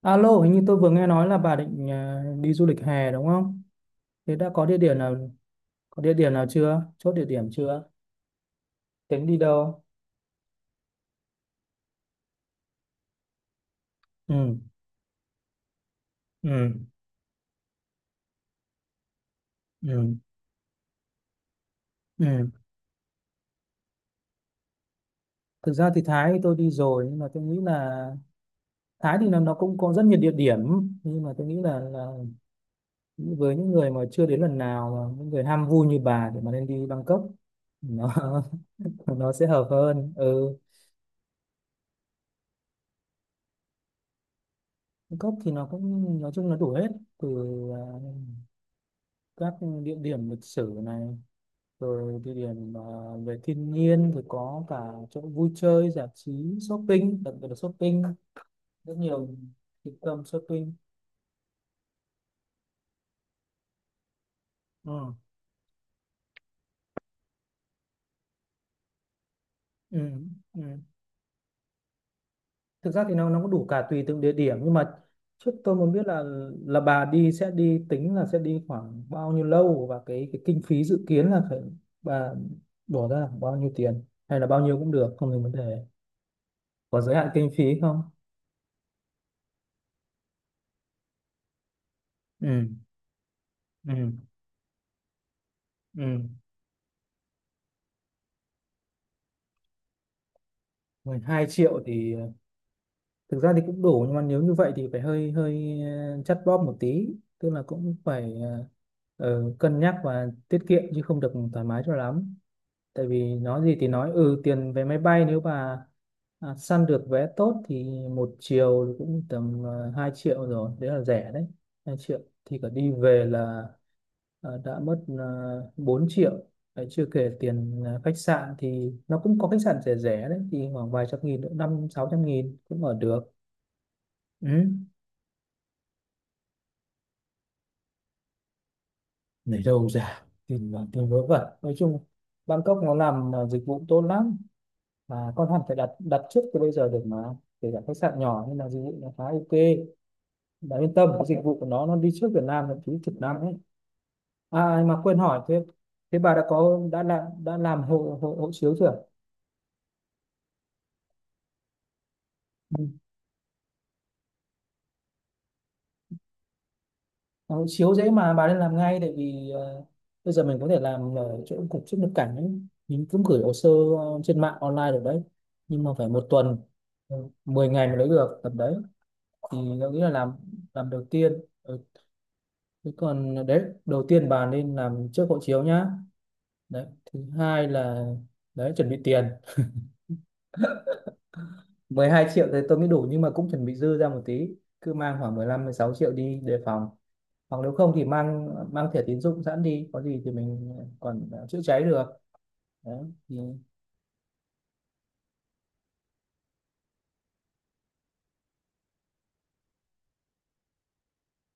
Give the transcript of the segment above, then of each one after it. Alo, hình như tôi vừa nghe nói là bà định đi du lịch hè đúng không? Thế đã có địa điểm nào có địa điểm nào chưa? Chốt địa điểm chưa? Tính đi đâu? Ừ, ừ, ừ, ừ. Thực ra thì Thái thì tôi đi rồi, nhưng mà tôi nghĩ là Thái thì nó cũng có rất nhiều địa điểm, nhưng mà tôi nghĩ là với những người mà chưa đến lần nào, mà những người ham vui như bà thì mà nên đi Bangkok, nó nó sẽ hợp hơn. Ừ, Bangkok thì nó cũng nói chung nó đủ hết, từ à, các địa điểm lịch sử này, rồi địa điểm về thiên nhiên thì có cả chỗ vui chơi giải trí, shopping, đặc biệt là shopping, rất nhiều trung tâm shopping. Ừ. Ừ. Ừ. Thực ra thì nó cũng đủ cả tùy từng địa điểm, nhưng mà trước tôi muốn biết là bà đi sẽ đi tính là sẽ đi khoảng bao nhiêu lâu, và cái kinh phí dự kiến là phải bà bỏ ra là khoảng bao nhiêu tiền, hay là bao nhiêu cũng được không thành vấn đề, có giới hạn kinh phí không. Ừ. Ừ. Ừ. 12 triệu thì thực ra thì cũng đủ, nhưng mà nếu như vậy thì phải hơi hơi chắt bóp một tí, tức là cũng phải cân nhắc và tiết kiệm, chứ không được thoải mái cho lắm. Tại vì nói gì thì nói, ừ, tiền vé máy bay nếu mà săn được vé tốt thì một chiều thì cũng tầm 2 triệu rồi, đấy là rẻ đấy. 2 triệu thì cả đi về là đã mất 4 triệu. Đấy, chưa kể tiền khách sạn thì nó cũng có khách sạn rẻ rẻ đấy, thì khoảng vài trăm nghìn nữa, 500 600 nghìn cũng ở được. Ừ. Lấy đâu ra, tìm là tìm vớ vẩn, nói chung Bangkok nó làm dịch vụ tốt lắm, mà con hẳn phải đặt đặt trước từ bây giờ được mà, kể cả khách sạn nhỏ nhưng là dịch vụ nó khá ok. Bạn yên tâm, cái dịch vụ của nó đi trước Việt Nam thậm chí chục năm ấy. À mà quên hỏi, thế thế bà đã có đã làm hộ hộ, hộ chiếu chưa? Đó, chiếu dễ mà, bà nên làm ngay, tại vì bây giờ mình có thể làm ở chỗ cục xuất nhập cảnh ấy. Mình cũng gửi hồ sơ trên mạng online được đấy, nhưng mà phải một tuần, ừ, 10 ngày mới lấy được tầm đấy. Thì tôi nghĩ là làm đầu tiên. Ừ. Thế còn đấy, đầu tiên bà nên làm trước hộ chiếu nhá, đấy thứ hai là đấy chuẩn bị tiền. 12 triệu thì tôi nghĩ đủ, nhưng mà cũng chuẩn bị dư ra một tí, cứ mang khoảng 15 16 triệu đi đề phòng, hoặc nếu không thì mang mang thẻ tín dụng sẵn đi, có gì thì mình còn chữa cháy được. Đấy thì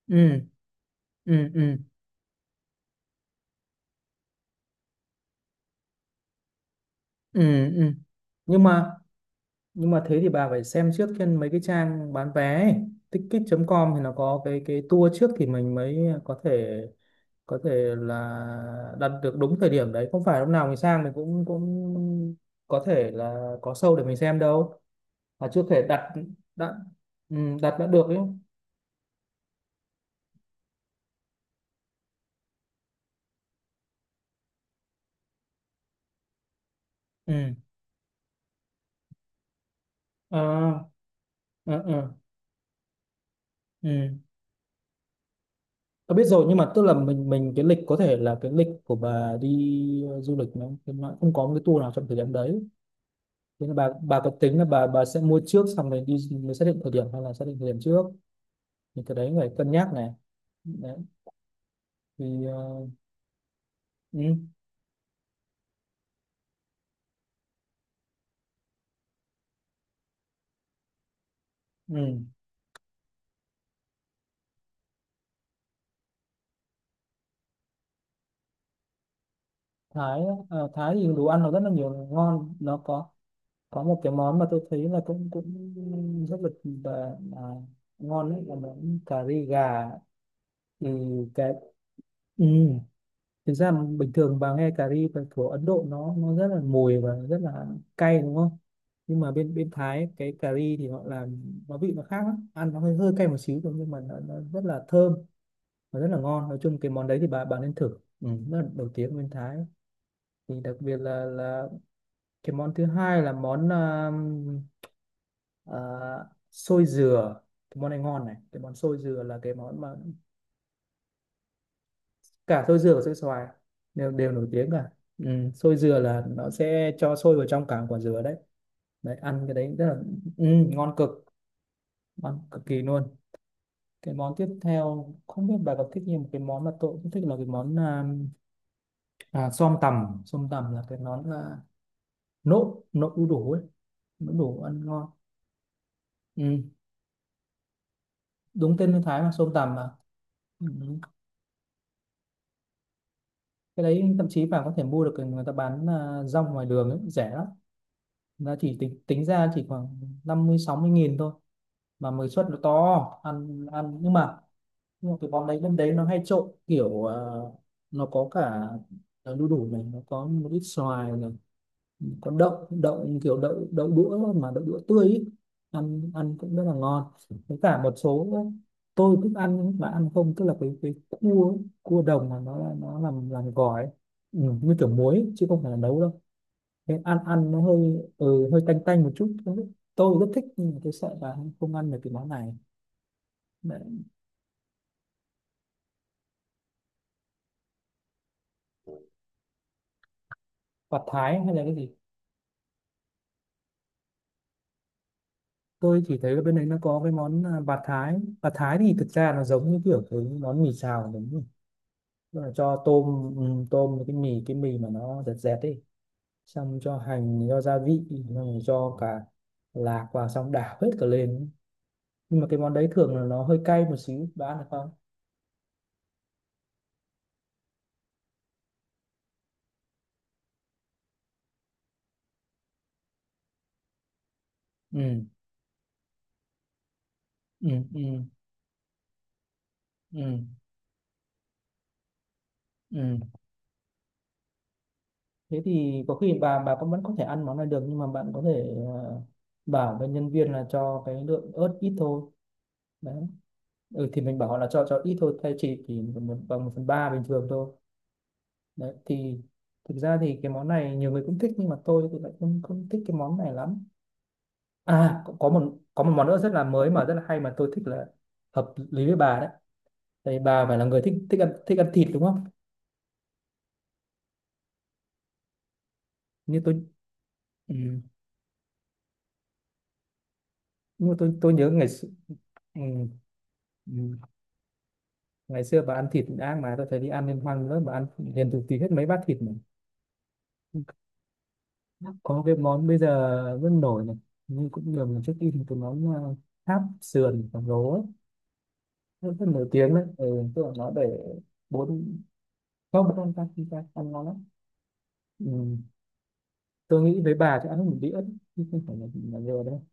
ừ. Ừ. Ừ. Ừ. Ừ. Nhưng mà nhưng mà thế thì bà phải xem trước trên mấy cái trang bán vé ấy. Ticket.com thì nó có cái tour trước thì mình mới có thể là đặt được đúng thời điểm đấy, không phải lúc nào mình sang mình cũng cũng có thể là có show để mình xem đâu, mà chưa thể đặt đặt, ừ, đặt đã được ấy. Ừ. À. À. Ừ. Tôi biết rồi, nhưng mà tức là mình cái lịch có thể là cái lịch của bà đi du lịch nó không có một cái tour nào trong thời điểm đấy, thế là bà có tính là bà sẽ mua trước xong rồi đi mới xác định thời điểm, hay là xác định thời điểm trước, thì cái đấy phải cân nhắc này. Đấy thì ừ, ừ. Thái á, Thái thì đồ ăn nó rất là nhiều ngon, nó có một cái món mà tôi thấy là cũng cũng rất là ngon, đấy là món cà ri gà. Ừ, cái ừ. Thực ra mà bình thường bà nghe cà ri của Ấn Độ nó rất là mùi và rất là cay đúng không, nhưng mà bên bên Thái cái cà ri thì họ làm nó vị nó khác lắm, ăn nó hơi hơi cay một xíu thôi, nhưng mà nó rất là thơm và rất là ngon. Nói chung cái món đấy thì bà nên thử, ừ, rất là nổi tiếng ở bên Thái. Thì đặc biệt là cái món thứ hai là món à, xôi dừa. Cái món này ngon này, cái món xôi dừa là cái món mà cả xôi dừa và xôi xoài đều đều nổi tiếng cả. Ừ, xôi dừa là nó sẽ cho xôi vào trong cả quả dừa đấy. Đấy ăn cái đấy rất là, ừ, ngon cực, ngon cực kỳ luôn. Cái món tiếp theo không biết bà có thích như một cái món mà tôi cũng thích là cái món xom tằm, xom tằm là cái món là nộm nộm đu đủ ấy, nộm đu đủ ăn ngon. Ừ, đúng tên người Thái mà, xom tằm mà. Ừ. Cái đấy thậm chí bà có thể mua được, người ta bán rong ngoài đường ấy, rẻ lắm, nó chỉ tính tính ra chỉ khoảng 50 60 nghìn thôi, mà mới suất nó to. Ăn ăn nhưng mà, nhưng mà cái món đấy bên đấy nó hay trộn kiểu nó có cả đu đủ này, nó có một ít xoài này, có đậu đậu kiểu đậu đậu đũa thôi mà đậu đũa tươi ý. Ăn ăn cũng rất là ngon. Với cả một số tôi thích ăn mà ăn không, tức là cái cua, cua đồng mà nó làm gỏi ấy. Ừ, như kiểu muối chứ không phải là nấu đâu. Cái ăn ăn nó hơi, ừ, hơi tanh tanh một chút không biết, tôi rất thích, nhưng mà tôi sợ là không ăn được cái món này. Đấy, bạt thái hay là cái gì, tôi chỉ thấy ở bên đấy nó có cái món bạt thái. Bạt thái thì thực ra nó giống như kiểu cái món mì xào đúng không, tức là cho tôm, ừ, tôm với cái mì mà nó dẹt dẹt ấy, xong cho hành cho gia vị xong rồi cho cả lạc vào xong đảo hết cả lên. Nhưng mà cái món đấy thường là nó hơi cay một xíu, bạn ăn được không? Ừ. Ừ. Ừ. Ừ. Ừ. Thế thì có khi bà cũng vẫn có thể ăn món này được, nhưng mà bạn có thể bảo với nhân viên là cho cái lượng ớt ít thôi. Đấy, ừ, thì mình bảo họ là cho ít thôi, thay chỉ thì một bằng 1/3 bình thường thôi. Đấy thì thực ra thì cái món này nhiều người cũng thích, nhưng mà tôi thì lại không không thích cái món này lắm. À có một món nữa rất là mới mà rất là hay mà tôi thích là hợp lý với bà đấy, tại bà phải là người thích thích ăn thịt đúng không, như tôi. Ừ, nhưng mà tôi nhớ ngày xưa, ừ, ừ, ngày xưa bà ăn thịt ác mà, tôi thấy đi ăn liên hoan nữa bà ăn liền từ tí hết mấy bát thịt mà. Có cái món bây giờ rất nổi này, nhưng cũng nhiều lần trước đi thì cái món tháp sườn khổng lồ ấy rất, rất nổi tiếng đấy, ừ, tức là nó để bốn không bốn con ta khi ta ăn ngon lắm. Ừ. Tôi nghĩ với bà thì ăn hết một đĩa chứ không phải là nhiều đâu,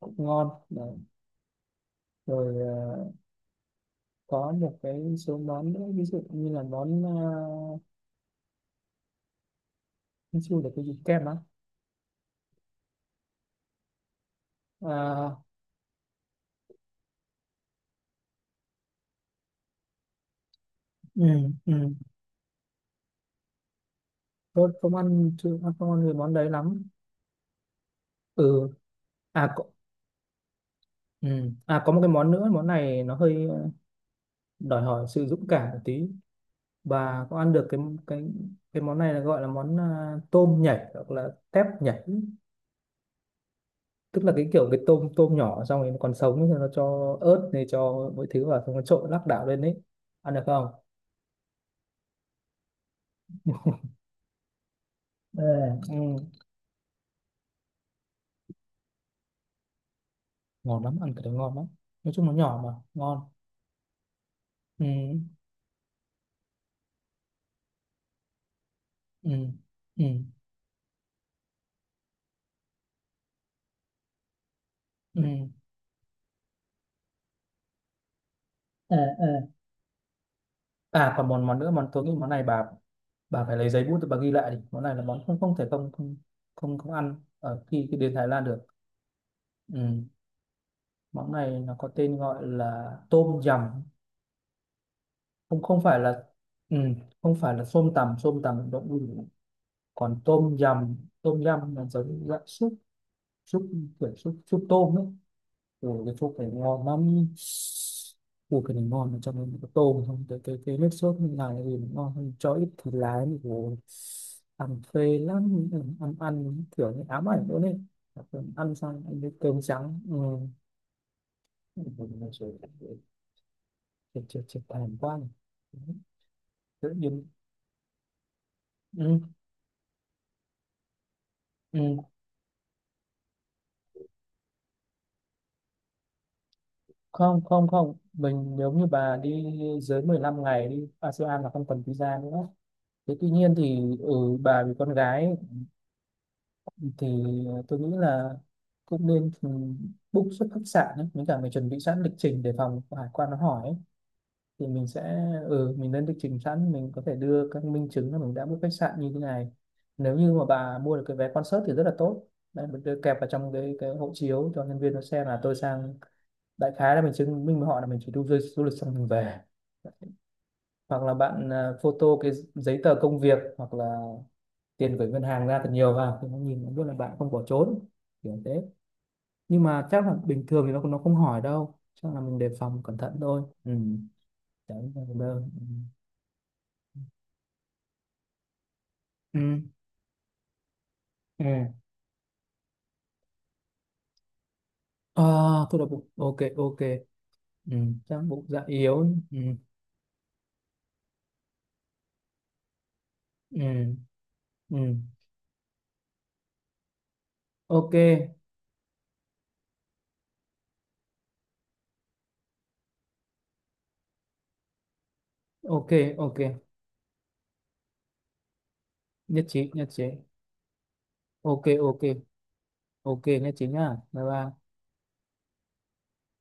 cũng ngon. Đấy. Rồi có một cái số món nữa, ví dụ như là món là cái gì, kem á. À, ừ, ừ. Tôi không ăn, chưa ăn, không ăn cái món đấy lắm. Ừ, à có, ừ. À có một cái món nữa, món này nó hơi đòi hỏi sự dũng cảm một tí. Bà có ăn được cái cái món này là gọi là món tôm nhảy hoặc là tép nhảy, tức là cái kiểu cái tôm tôm nhỏ xong rồi nó còn sống thì nó cho ớt này cho mọi thứ vào xong nó trộn lắc đảo lên đấy. Ăn được không? Ừ. Ừ, ngon lắm, ăn cái đấy ngon lắm. Nói chung nó nhỏ mà, ngon. Ừ, ừ, ừ, ừ. Ừ. Ừ. À còn món món nữa, món tôi nghĩ món này bà phải lấy giấy bút để bà ghi lại đi, món này là món không không thể không không không, không ăn ở khi, khi đến Thái Lan được. Ừ. Món này nó có tên gọi là tôm yum, không không phải là, ừ, không phải là xôm tằm, xôm tằm động物. Còn tôm yum, tôm yum là giống như dạng súp, súp, kiểu súp súp tôm ấy, rồi cái thuốc này ngon lắm. Ui cái này ngon mà, cho nên có tôm không cái cái nước sốt như này thì nó ngon hơn cho ít thịt lái thì ủa, ăn phê lắm, ăn ăn kiểu như ám ảnh luôn đấy, ăn xong ăn với cơm trắng, ừ. Ui, nó rồi chết chết chết thèm quá này. Tự nhiên ừ, ừ. Không không không, mình nếu như bà đi dưới 15 ngày đi ASEAN là không cần visa nữa. Thế tuy nhiên thì, ừ, bà vì con gái thì tôi nghĩ là cũng nên, ừ, book xuất khách sạn ấy. Với cả mình chuẩn bị sẵn lịch trình để phòng hải quan nó hỏi ấy. Thì mình sẽ, ừ, mình lên lịch trình sẵn, mình có thể đưa các minh chứng là mình đã book khách sạn như thế này, nếu như mà bà mua được cái vé concert thì rất là tốt. Đấy mình đưa kẹp vào trong cái hộ chiếu cho nhân viên nó xem là tôi sang, đại khái là mình chứng minh với họ là mình chỉ đi du, du lịch xong mình về, hoặc là bạn photo cái giấy tờ công việc, hoặc là tiền gửi ngân hàng ra thật nhiều vào thì nó nhìn nó biết là bạn không bỏ trốn, kiểu thế. Nhưng mà chắc là bình thường thì nó không hỏi đâu, chắc là mình đề phòng cẩn thận thôi, ừ. Đấy là đơn. Ừ. Ừ. À, tôi đọc bụng, ok ok. Ừ. Chắc bụng dạ yếu. Ừ. Ừ. Ừ. Ok. Ok. Ok nhất trí, nhất trí, ok. Ok. Ok nhất trí nhá, bye bye.